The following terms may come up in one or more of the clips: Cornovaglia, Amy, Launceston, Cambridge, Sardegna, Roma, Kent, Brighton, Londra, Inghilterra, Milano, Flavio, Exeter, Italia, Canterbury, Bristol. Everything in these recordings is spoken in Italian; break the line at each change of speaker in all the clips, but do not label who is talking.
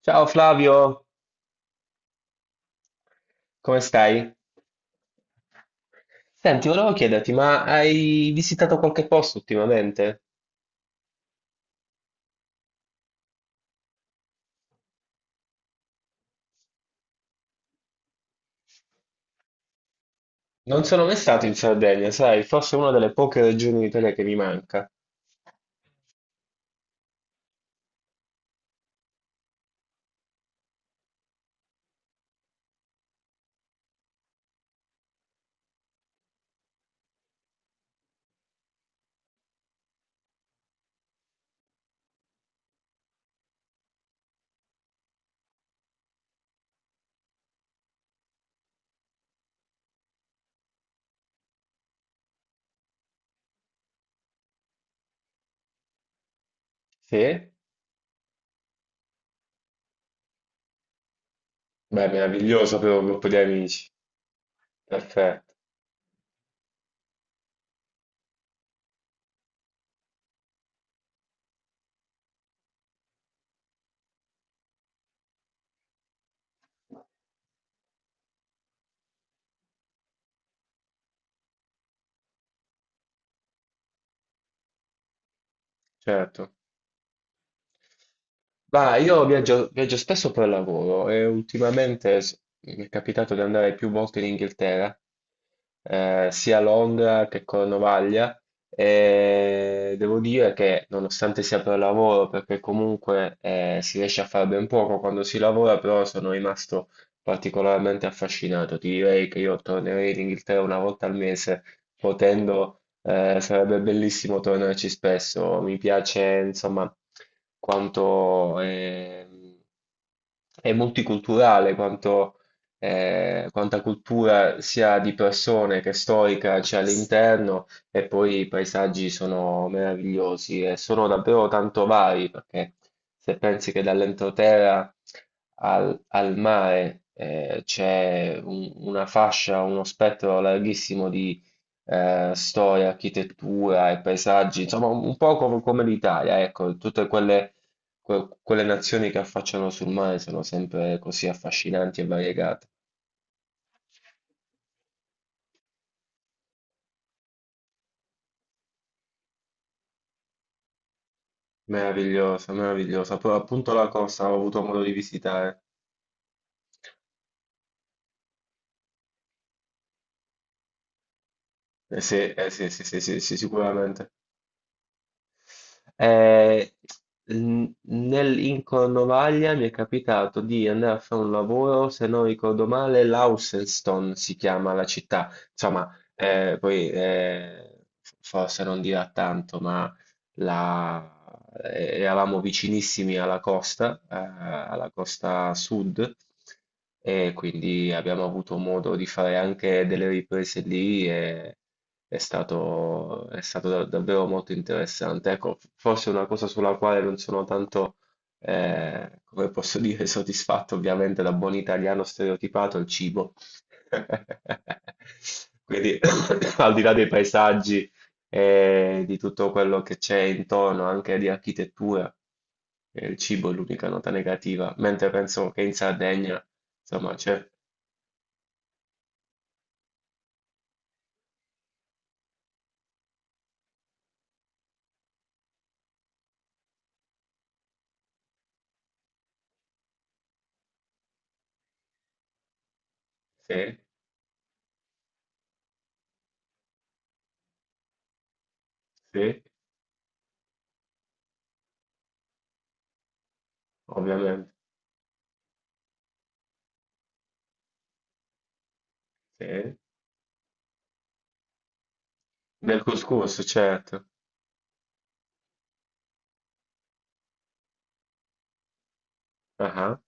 Ciao Flavio, come stai? Senti, volevo chiederti, ma hai visitato qualche posto ultimamente? Non sono mai stato in Sardegna, sai, forse è una delle poche regioni d'Italia che mi manca. Sì? Beh, meraviglioso per un gruppo di amici. Perfetto, certo. Ma io viaggio spesso per lavoro e ultimamente mi è capitato di andare più volte in Inghilterra, sia a Londra che Cornovaglia, e devo dire che nonostante sia per lavoro, perché comunque si riesce a fare ben poco quando si lavora, però sono rimasto particolarmente affascinato. Ti direi che io tornerei in Inghilterra una volta al mese, potendo, sarebbe bellissimo tornarci spesso. Mi piace, insomma, quanto è, è multiculturale, quanta cultura sia di persone che storica c'è all'interno e poi i paesaggi sono meravigliosi e sono davvero tanto vari, perché se pensi che dall'entroterra al mare c'è una fascia, uno spettro larghissimo di storia, architettura e paesaggi, insomma un po' come l'Italia, ecco, tutte quelle, quelle nazioni che affacciano sul mare sono sempre così affascinanti e variegate. Meravigliosa, meravigliosa. Però appunto la costa ho avuto modo di visitare. Sì, eh sì, sì, sì, sì, sì, sicuramente. Eh, In Cornovaglia mi è capitato di andare a fare un lavoro, se non ricordo male, Launceston si chiama la città. Insomma, poi forse non dirà tanto, ma la- eravamo vicinissimi alla costa sud, e quindi abbiamo avuto modo di fare anche delle riprese lì e è stato davvero molto interessante. Ecco, forse una cosa sulla quale non sono tanto, come posso dire, soddisfatto, ovviamente da buon italiano stereotipato, è il cibo. Quindi, al di là dei paesaggi e di tutto quello che c'è intorno, anche di architettura. Il cibo è l'unica nota negativa, mentre penso che in Sardegna, insomma, c'è, sì, sì, ovviamente, sì. Nel couscous, certo, ah,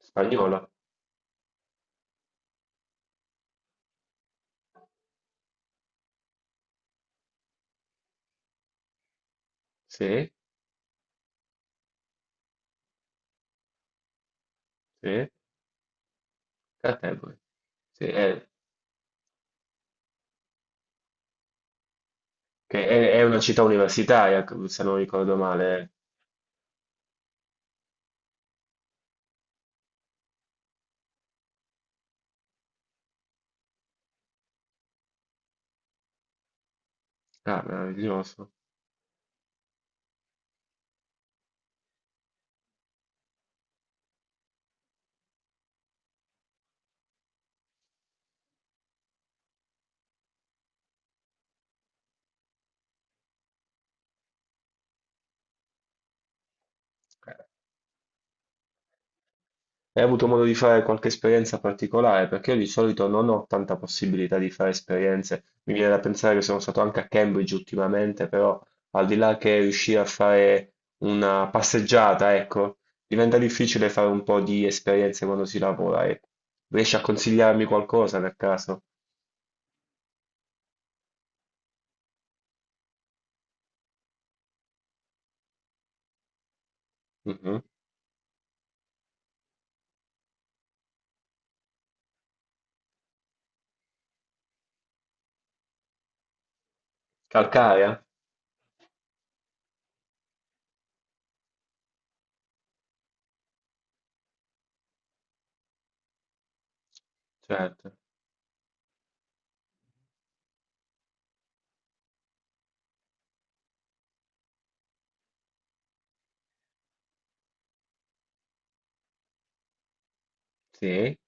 Spagnola, sì, sì, Canterbury, sì, è, che è una città universitaria, se non ricordo male, ah, meraviglioso. Eh. Hai avuto modo di fare qualche esperienza particolare? Perché io di solito non ho tanta possibilità di fare esperienze. Mi viene da pensare che sono stato anche a Cambridge ultimamente, però al di là che riuscire a fare una passeggiata, ecco, diventa difficile fare un po' di esperienze quando si lavora. E riesci a consigliarmi qualcosa per caso? Mhm. Calcarea? Certo, sì,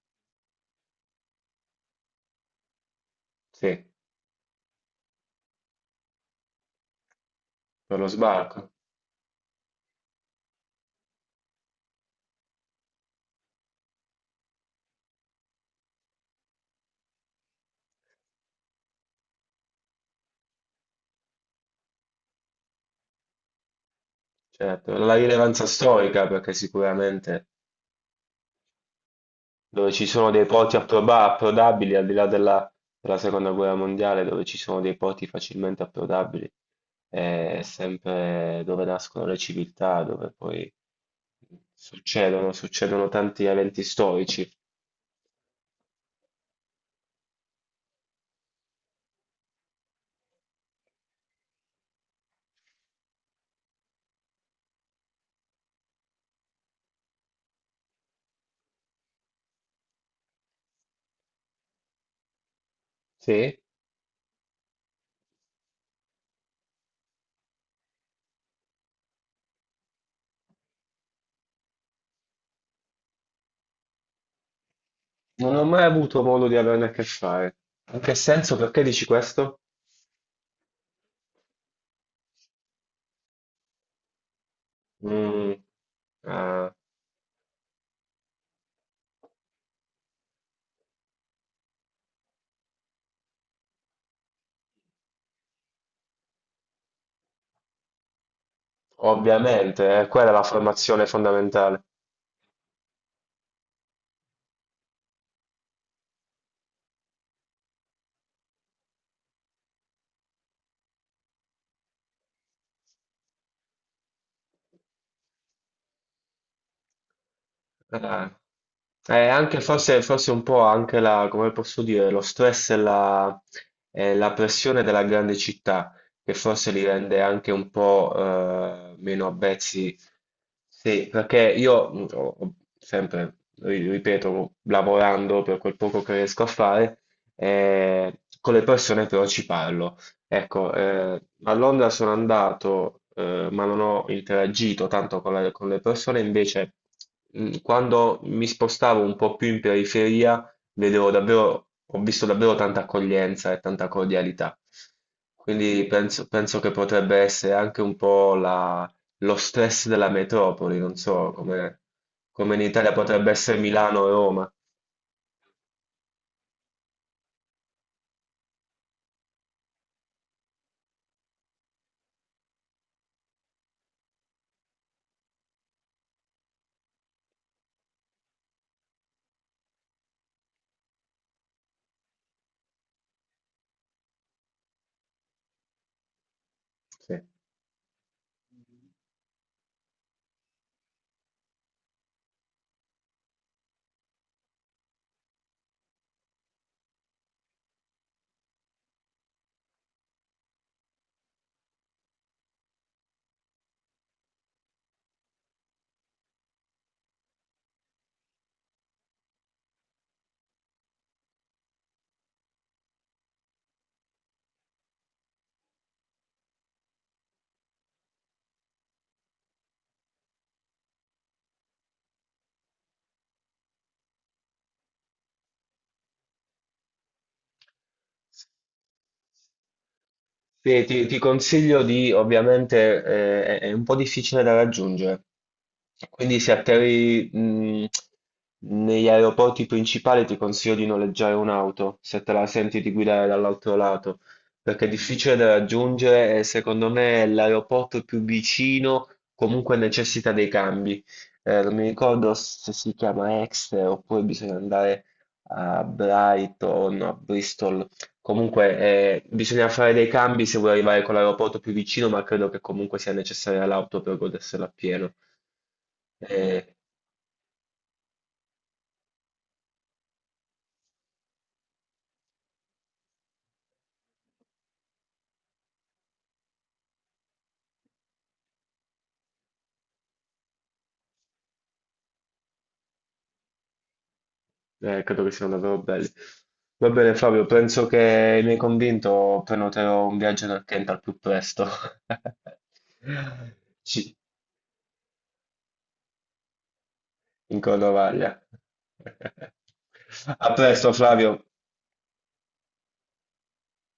sì, per lo sbarco, certo. La rilevanza storica, perché sicuramente dove ci sono dei porti approdabili al di là della, della seconda guerra mondiale, dove ci sono dei porti facilmente approdabili, è sempre dove nascono le civiltà, dove poi succedono tanti eventi storici. Sì, non ho mai avuto modo di averne a che fare. In che senso? Perché dici questo? Mm, eh, ovviamente, quella è la formazione fondamentale. Eh, Anche forse un po' anche la, come posso dire, lo stress e la pressione della grande città, che forse li rende anche un po' meno avvezzi. Sì, perché io ho sempre, ripeto, lavorando per quel poco che riesco a fare, con le persone però ci parlo. Ecco, a Londra sono andato, ma non ho interagito tanto con le persone, invece quando mi spostavo un po' più in periferia, ho visto davvero tanta accoglienza e tanta cordialità. Quindi penso che potrebbe essere anche un po' lo stress della metropoli, non so, come, come in Italia potrebbe essere Milano o Roma. Sì. Ti consiglio di, ovviamente, è un po' difficile da raggiungere, quindi se atterri negli aeroporti principali ti consiglio di noleggiare un'auto, se te la senti di guidare dall'altro lato, perché è difficile da raggiungere e secondo me l'aeroporto più vicino comunque necessita dei cambi. Non mi ricordo se si chiama Exeter oppure bisogna andare a Brighton, a Bristol. Comunque, bisogna fare dei cambi se vuoi arrivare con l'aeroporto più vicino, ma credo che comunque sia necessaria l'auto per godersela appieno. Eh, Credo che siano davvero belli. Va bene, Fabio, penso che mi hai convinto, prenoterò un viaggio nel Kent al più presto. Ci- in Cornovaglia. A presto, Flavio.